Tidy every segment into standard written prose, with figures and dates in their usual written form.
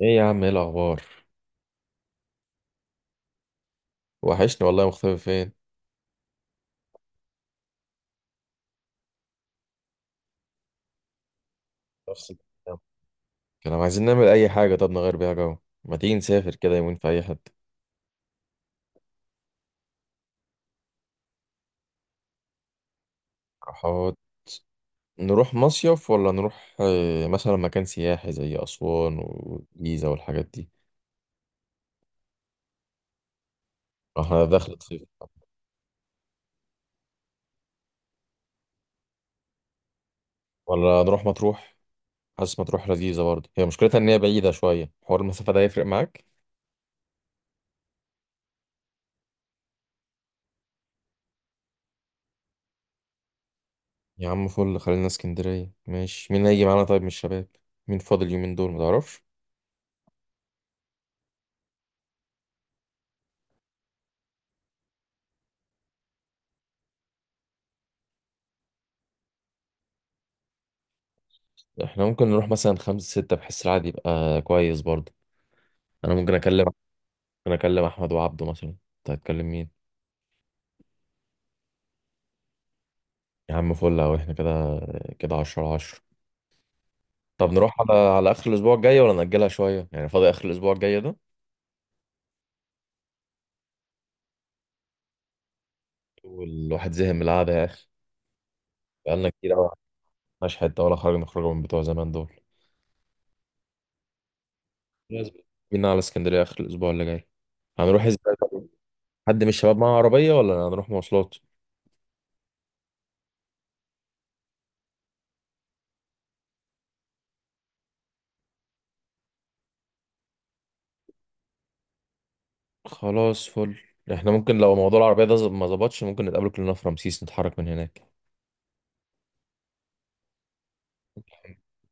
ايه يا عم، ايه الاخبار؟ وحشني والله، مختفي فين؟ نفس الكلام. كانوا عايزين نعمل اي حاجه، طب نغير بيها جو. ما تيجي نسافر كده يومين في اي حته. احاول نروح مصيف ولا نروح مثلا مكان سياحي زي اسوان والجيزه والحاجات دي. احنا دخلت صيف. ولا نروح مطروح؟ حاسس مطروح لذيذه برضه، هي مشكلتها ان هي بعيده شويه، حوار المسافه ده يفرق معاك. يا عم فل، خلينا اسكندريه. ماشي، مين هيجي معانا طيب من الشباب؟ مين فاضل اليومين دول ما تعرفش؟ احنا ممكن نروح مثلا خمسة ستة، بحس العادي يبقى كويس برضه. انا ممكن اكلم. ممكن اكلم احمد وعبده مثلا، انت هتكلم مين؟ يا عم فل، اهو احنا كده، كده 10 على 10. طب نروح على اخر الاسبوع الجاي ولا نأجلها شوية؟ يعني فاضي اخر الاسبوع الجاي ده. والواحد زهق من القعدة يا اخي، بقالنا كتير قوي، مش حتة ولا خرجنا خروجه من بتوع زمان دول. خلاص بقى. بينا على اسكندرية اخر الاسبوع اللي جاي. هنروح ازاي؟ طيب؟ حد من الشباب معاه عربية ولا هنروح مواصلات؟ خلاص فل. احنا ممكن لو موضوع العربية ده ما ظبطش، ممكن نتقابل كلنا في رمسيس، نتحرك من هناك.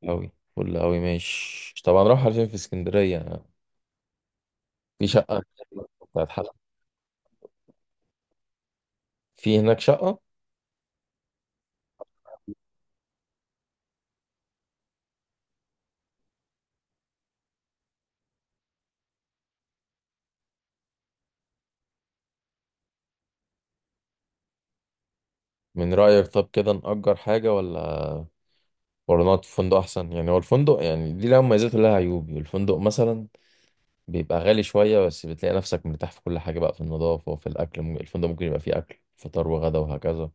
أوي فل أوي، ماشي. طبعا نروح على فين في اسكندرية؟ في شقة بتاعت حلقة؟ في هناك شقة. من رأيك طب كده نأجر حاجة ولا ولا نقعد في فندق أحسن؟ يعني هو الفندق يعني دي لها مميزات ولها عيوب. الفندق مثلا بيبقى غالي شوية، بس بتلاقي نفسك مرتاح في كل حاجة بقى، في النظافة وفي الأكل. الفندق ممكن يبقى فيه أكل فطار وغدا وهكذا.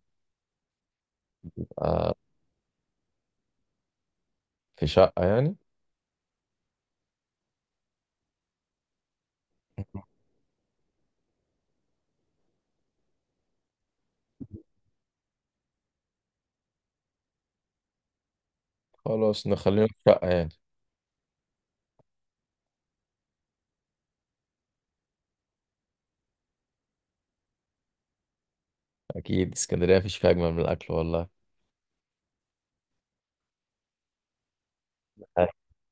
في شقة يعني. خلاص نخلينا في شقة يعني. اكيد اسكندريه مفيش فيها اجمل من الاكل والله. أه.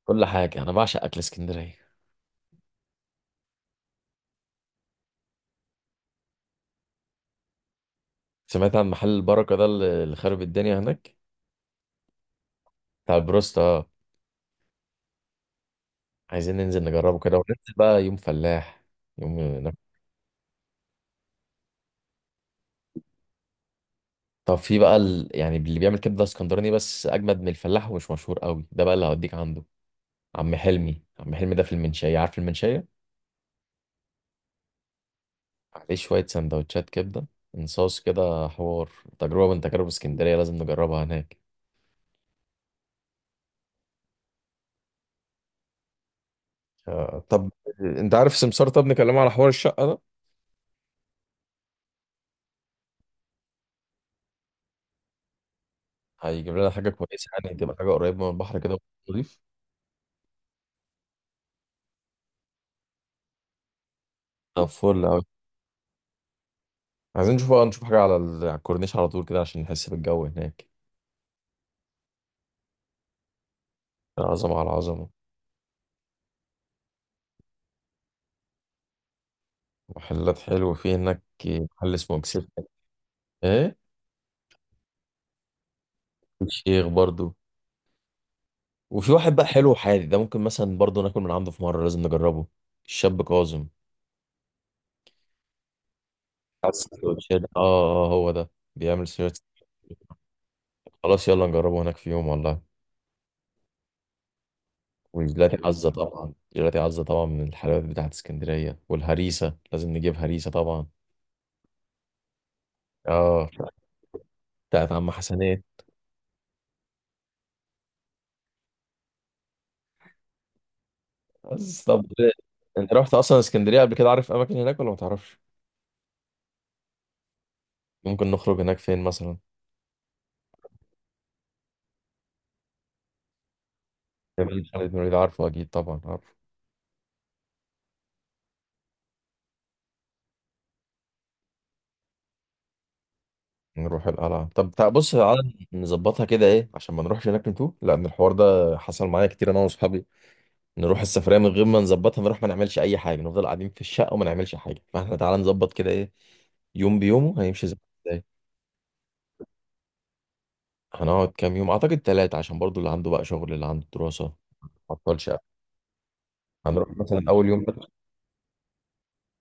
كل حاجه انا بعشق اكل اسكندريه. سمعت عن محل البركه ده اللي خرب الدنيا هناك؟ بتاع البروست اه. عايزين ننزل نجربه كده، وننزل بقى يوم فلاح، يوم ناكل. طب في بقى يعني اللي بيعمل كبده اسكندراني بس اجمد من الفلاح ومش مشهور قوي، ده بقى اللي هوديك عنده. عم حلمي، عم حلمي ده في المنشيه، عارف المنشيه؟ عليه شويه سندوتشات كبده، انصاص كده، حوار. تجربه من تجارب اسكندريه لازم نجربها هناك. طب انت عارف سمسار؟ طب نكلمه على حوار الشقه ده. هيجيب لنا حاجة كويسة يعني، تبقى حاجة قريبة من البحر كده، ونضيف. طب فل أوي. عايزين نشوف بقى، نشوف حاجة على على الكورنيش على طول كده، عشان نحس بالجو هناك. عظمة على عظمة. محلات حلوة، في هناك محل اسمه مكسيك. ايه؟ الشيخ برضو. وفي واحد بقى حلو وحادي، ده ممكن مثلا برضو ناكل من عنده في مرة، لازم نجربه. الشاب كاظم. بتاع السندوتشات اه، اه هو ده بيعمل سندوتشات. خلاص يلا نجربه هناك في يوم والله. والجيلاتي عزة طبعا، جيلاتي عزة طبعا، من الحلويات بتاعت اسكندرية. والهريسة لازم نجيب هريسة طبعا. اه، بتاعت عم حسنات. بس طب. انت رحت اصلا اسكندرية قبل كده، عارف اماكن هناك ولا ما تعرفش؟ ممكن نخرج هناك فين مثلا؟ جمال خالد بن الوليد، عارفه اكيد، طبعا عارف. نروح القلعة. طب بص، تعالى نظبطها كده ايه، عشان ما نروحش هناك نتوه، لان الحوار ده حصل معايا كتير انا واصحابي. نروح السفرية من غير ما نظبطها، نروح ما نعملش اي حاجة، نفضل قاعدين في الشقة وما نعملش حاجة. فاحنا تعالى نظبط كده ايه. يوم بيومه هيمشي ازاي. هنقعد كام يوم؟ اعتقد 3، عشان برضو اللي عنده بقى شغل، اللي عنده دراسة. مبطلش أوي. هنروح مثلا اول يوم ده،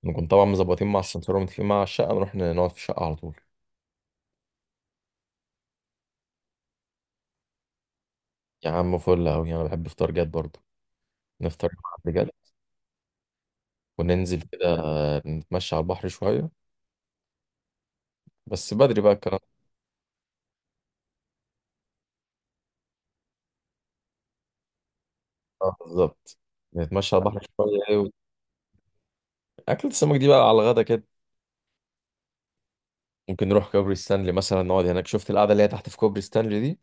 نكون طبعا مظبطين مع السمسار ومتفقين مع الشقة، نروح نقعد في الشقة على طول. يا عم فل قوي، انا بحب افطار جاد برضو. نفطر مع حد جد، وننزل كده، نتمشى على البحر شوية، بس بدري بقى الكلام ده. بالظبط. نتمشى على البحر شوية أكلة السمك دي بقى على الغدا كده. ممكن نروح كوبري ستانلي مثلا، نقعد هناك. شفت القعدة اللي هي تحت في كوبري ستانلي دي؟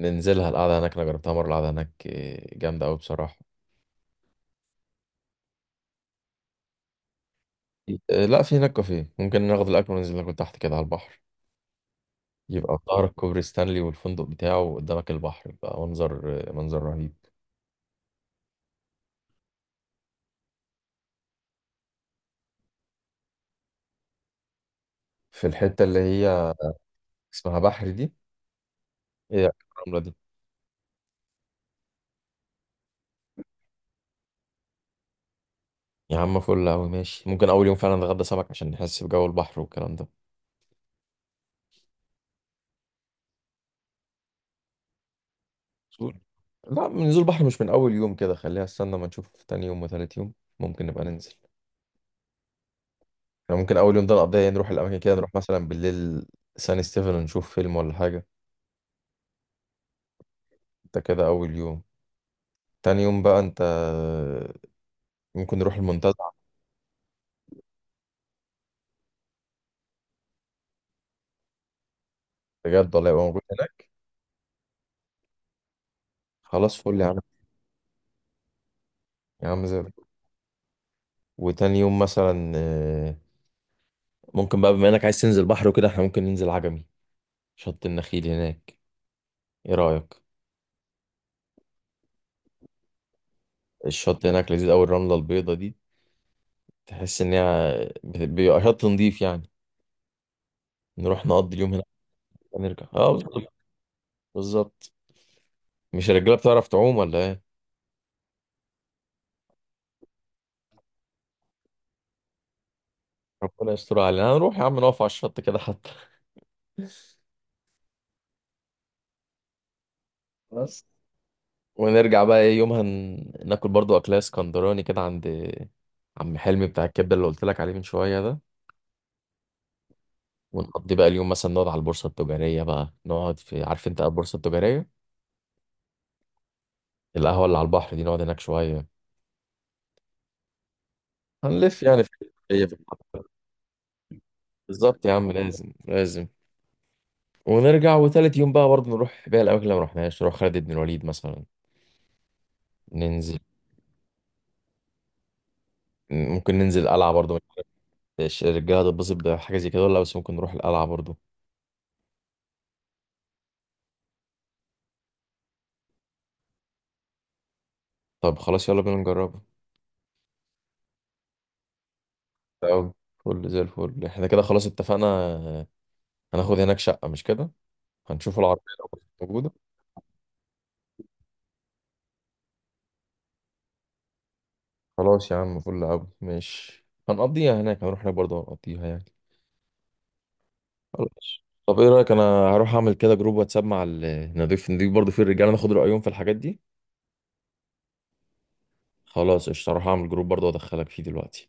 ننزلها، القعدة هناك أنا جربتها مرة، القعدة هناك جامدة أوي بصراحة. لا، في هناك كافيه، ممكن ناخد الاكل وننزل ناكل تحت كده على البحر. يبقى في ظهرك كوبري ستانلي والفندق بتاعه، وقدامك البحر، يبقى منظر، منظر رهيب. في الحتة اللي هي اسمها بحر دي. ايه؟ الرملة دي. يا عم فل أوي، ماشي. ممكن أول يوم فعلا نتغدى سمك عشان نحس بجو البحر والكلام ده. قول. لا، من نزول بحر مش من أول يوم كده، خليها استنى ما نشوف تاني يوم وتالت يوم، ممكن نبقى ننزل. احنا ممكن أول يوم ده نقضيه نروح الأماكن كده، نروح مثلا بالليل سان ستيفن ونشوف فيلم ولا حاجة. ده كده أول يوم. تاني يوم بقى أنت، ممكن نروح المنتزه. بجد؟ ولا يبقى موجود هناك؟ خلاص فل يا عم. يا عم زي الفل. وتاني يوم مثلا ممكن بقى، بما انك عايز تنزل بحر وكده، احنا ممكن ننزل عجمي، شط النخيل هناك. ايه رأيك؟ الشط هناك لذيذ قوي، الرملة البيضة دي، تحس ان هي بيبقى شط نضيف يعني. نروح نقضي اليوم هناك، ونرجع. اه بالظبط. بالظبط. مش الرجالة بتعرف تعوم ولا ايه؟ ربنا يستر علينا، هنروح يا عم نقف على الشط كده حتى. بس. ونرجع بقى ايه يومها، ناكل برضو اكلات اسكندراني كده عند عم حلمي، بتاع الكبده اللي قلت لك عليه من شويه ده. ونقضي بقى اليوم مثلا، نقعد على البورصه التجاريه بقى، نقعد في، عارف انت البورصه التجاريه؟ القهوه اللي على البحر دي، نقعد هناك شويه، هنلف يعني في. هي بالظبط يا عم، لازم لازم. ونرجع، وتالت يوم بقى برضو نروح بقى الاماكن اللي ما رحناش، نروح خالد بن الوليد مثلا، ننزل. ممكن ننزل القلعه برضو. مش عارف الرجاله تتبسط بحاجه زي كده ولا لا، بس ممكن نروح القلعه برضو. طب خلاص يلا بينا نجربها. أوي فل، زي الفل. احنا كده خلاص اتفقنا، هناخد هناك شقة، مش كده؟ هنشوف العربية لو موجودة. خلاص يا عم فل أوي، ماشي. هنقضيها هناك، هنروح هناك برضه هنقضيها يعني. خلاص. طب ايه رأيك انا هروح اعمل كده جروب واتساب مع نضيف برضه فيه الرجالة، ناخد رأيهم في الحاجات دي. خلاص قشطة، هروح اعمل جروب برضه، وادخلك فيه دلوقتي.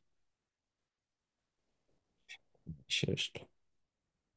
ماشي قشطة.